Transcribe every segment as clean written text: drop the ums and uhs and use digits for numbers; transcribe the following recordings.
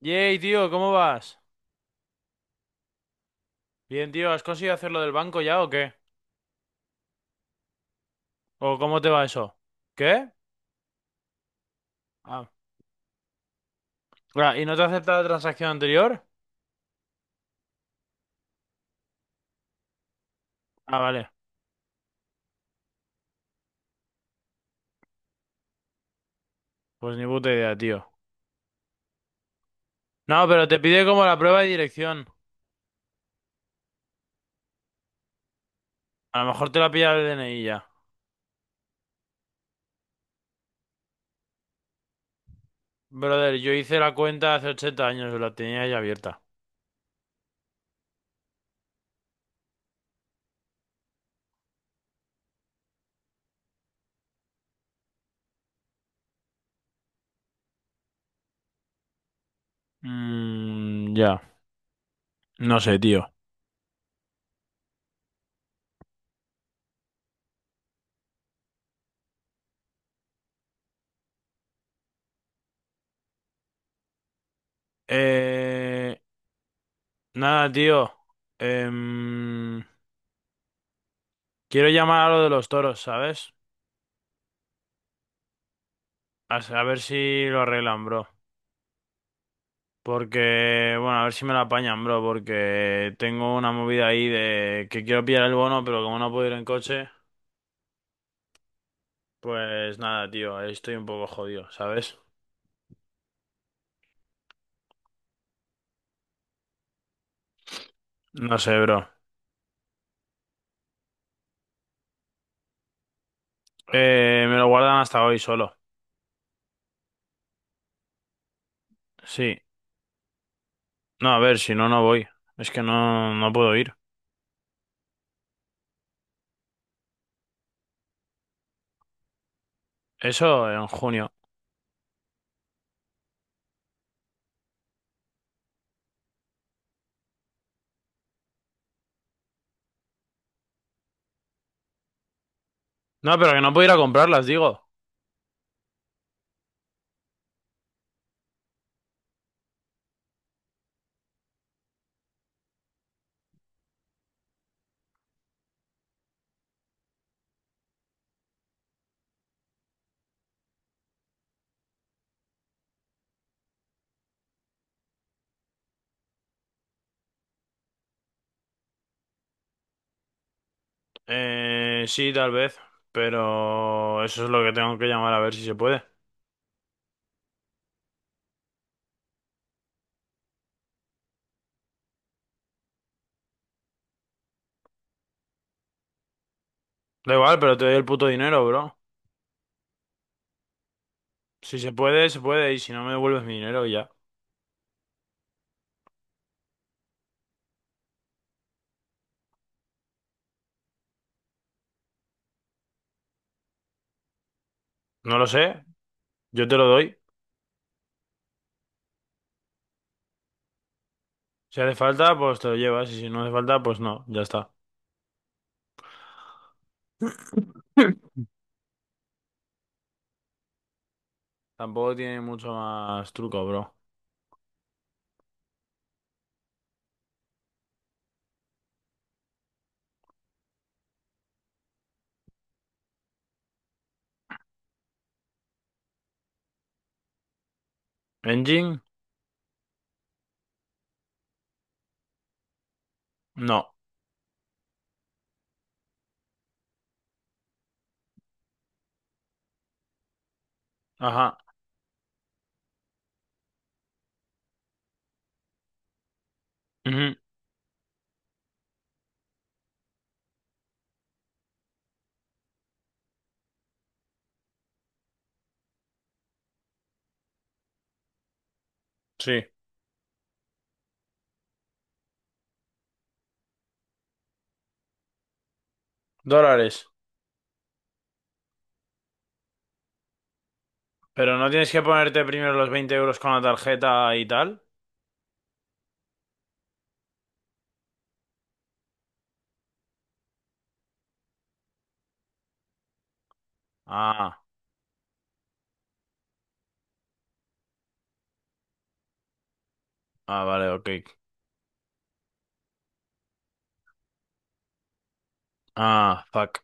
Yey, tío, ¿cómo vas? Bien, tío, ¿has conseguido hacer lo del banco ya o qué? ¿O cómo te va eso? ¿Qué? Ah, ah, ¿y no te acepta la transacción anterior? Ah, vale. Pues ni puta idea, tío. No, pero te pide como la prueba de dirección. A lo mejor te la pilla el DNI ya. Brother, yo hice la cuenta hace 80 años, la tenía ya abierta. Mmm, ya. No sé, tío. Eh... Nada, tío. Em, Quiero llamar a lo de los toros, ¿sabes? A ver si lo arreglan, bro. Porque, bueno, a ver si me la apañan, bro, porque tengo una movida ahí de que quiero pillar el bono, pero como no puedo ir en coche, pues nada, tío, ahí estoy un poco jodido, ¿sabes? No sé, bro. Me lo guardan hasta hoy solo. Sí. No, a ver, si no, no voy. Es que no, no puedo ir. Eso en junio. No, pero que no puedo ir a comprarlas, digo. Sí, tal vez, pero eso es lo que tengo que llamar a ver si se puede. Da igual, pero te doy el puto dinero, bro. Si se puede, se puede, y si no me devuelves mi dinero y ya. No lo sé, yo te lo doy. Si hace falta, pues te lo llevas, y si no hace falta, pues no, ya está. Tampoco tiene mucho más truco, bro. ¿Engine? No. Ajá. Ujú. Sí. Dólares. Pero no tienes que ponerte primero los 20 euros con la tarjeta y tal. Ah, ah, vale, ok. Ah, fuck.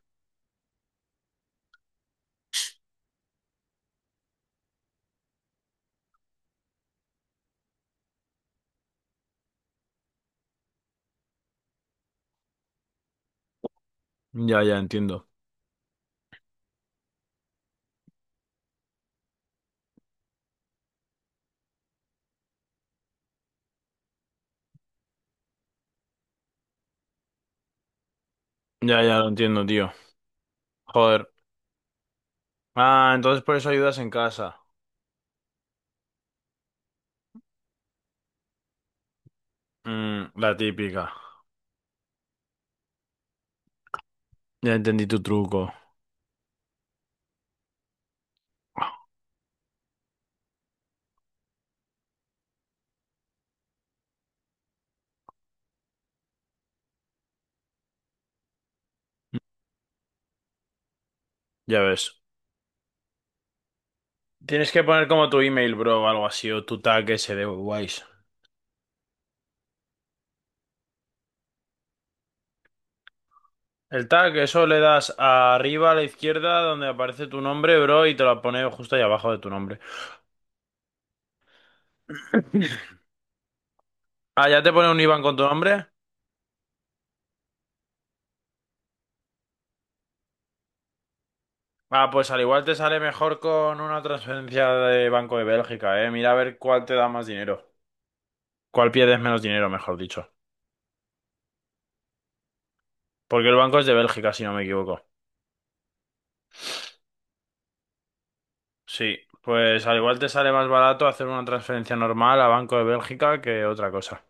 Ya, ya entiendo. Ya, ya lo entiendo, tío. Joder. Ah, entonces por eso ayudas en casa. Mm, la típica. Ya entendí tu truco. Ya ves. Tienes que poner como tu email, bro, o algo así, o tu tag ese de Wise. El tag, eso le das arriba a la izquierda donde aparece tu nombre, bro, y te lo pone justo ahí abajo de tu nombre. Ah, ¿ya te pone un IBAN con tu nombre? Ah, pues al igual te sale mejor con una transferencia de Banco de Bélgica, eh. Mira a ver cuál te da más dinero. Cuál pierdes menos dinero, mejor dicho. Porque el banco es de Bélgica, si no me equivoco. Sí, pues al igual te sale más barato hacer una transferencia normal a Banco de Bélgica que otra cosa.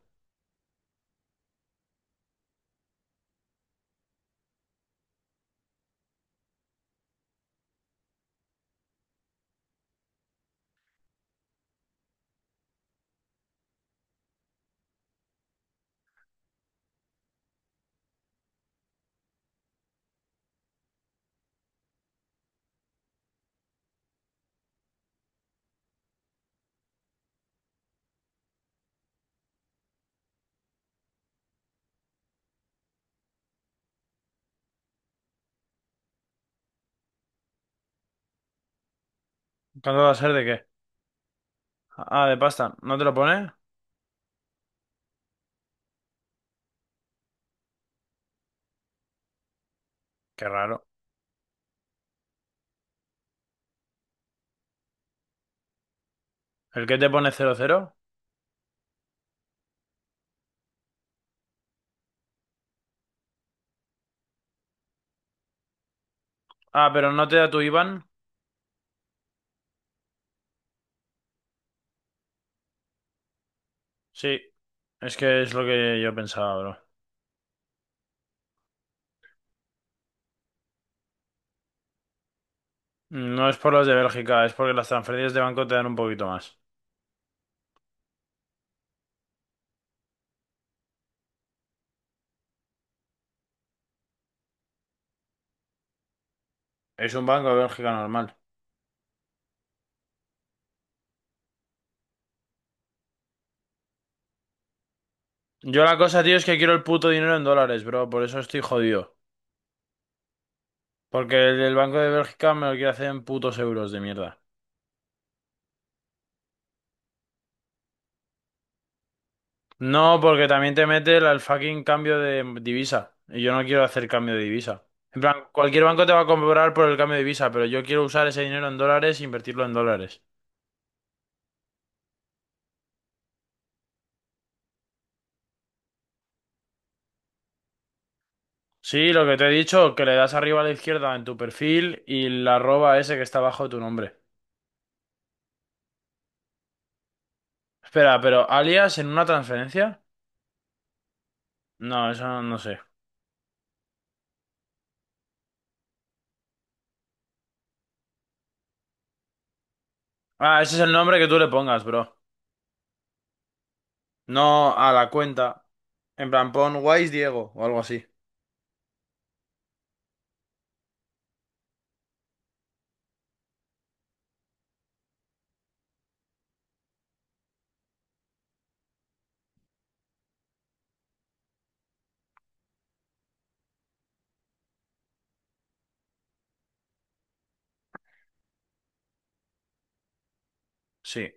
¿Cuándo va a ser de qué? Ah, de pasta. ¿No te lo pone? Qué raro. ¿El que te pone 00? Ah, pero no te da tu IBAN. Sí, es que es lo que yo pensaba, bro. No es por los de Bélgica, es porque las transferencias de banco te dan un poquito más. Es un banco de Bélgica normal. Yo la cosa, tío, es que quiero el puto dinero en dólares, bro. Por eso estoy jodido. Porque el del Banco de Bélgica me lo quiere hacer en putos euros de mierda. No, porque también te mete el fucking cambio de divisa. Y yo no quiero hacer cambio de divisa. En plan, cualquier banco te va a cobrar por el cambio de divisa, pero yo quiero usar ese dinero en dólares e invertirlo en dólares. Sí, lo que te he dicho, que le das arriba a la izquierda en tu perfil y la arroba ese que está abajo de tu nombre. Espera, ¿pero alias en una transferencia? No, eso no, no sé. Ah, ese es el nombre que tú le pongas, bro. No a la cuenta. En plan, pon Wise Diego o algo así. Sí,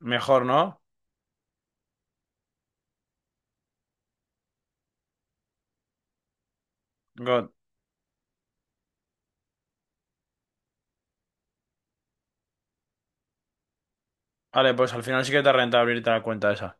mejor, ¿no? God. Vale, pues al final sí que te renta abrirte la cuenta esa.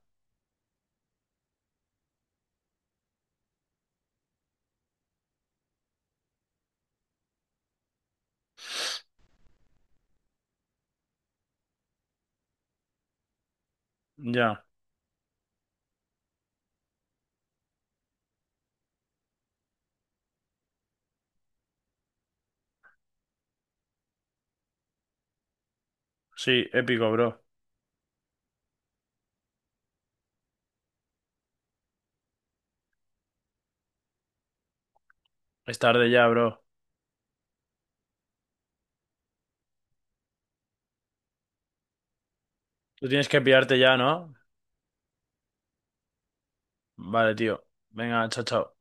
Ya, sí, épico, bro. Es tarde ya, bro. Tú tienes que pillarte ya, ¿no? Vale, tío. Venga, chao, chao.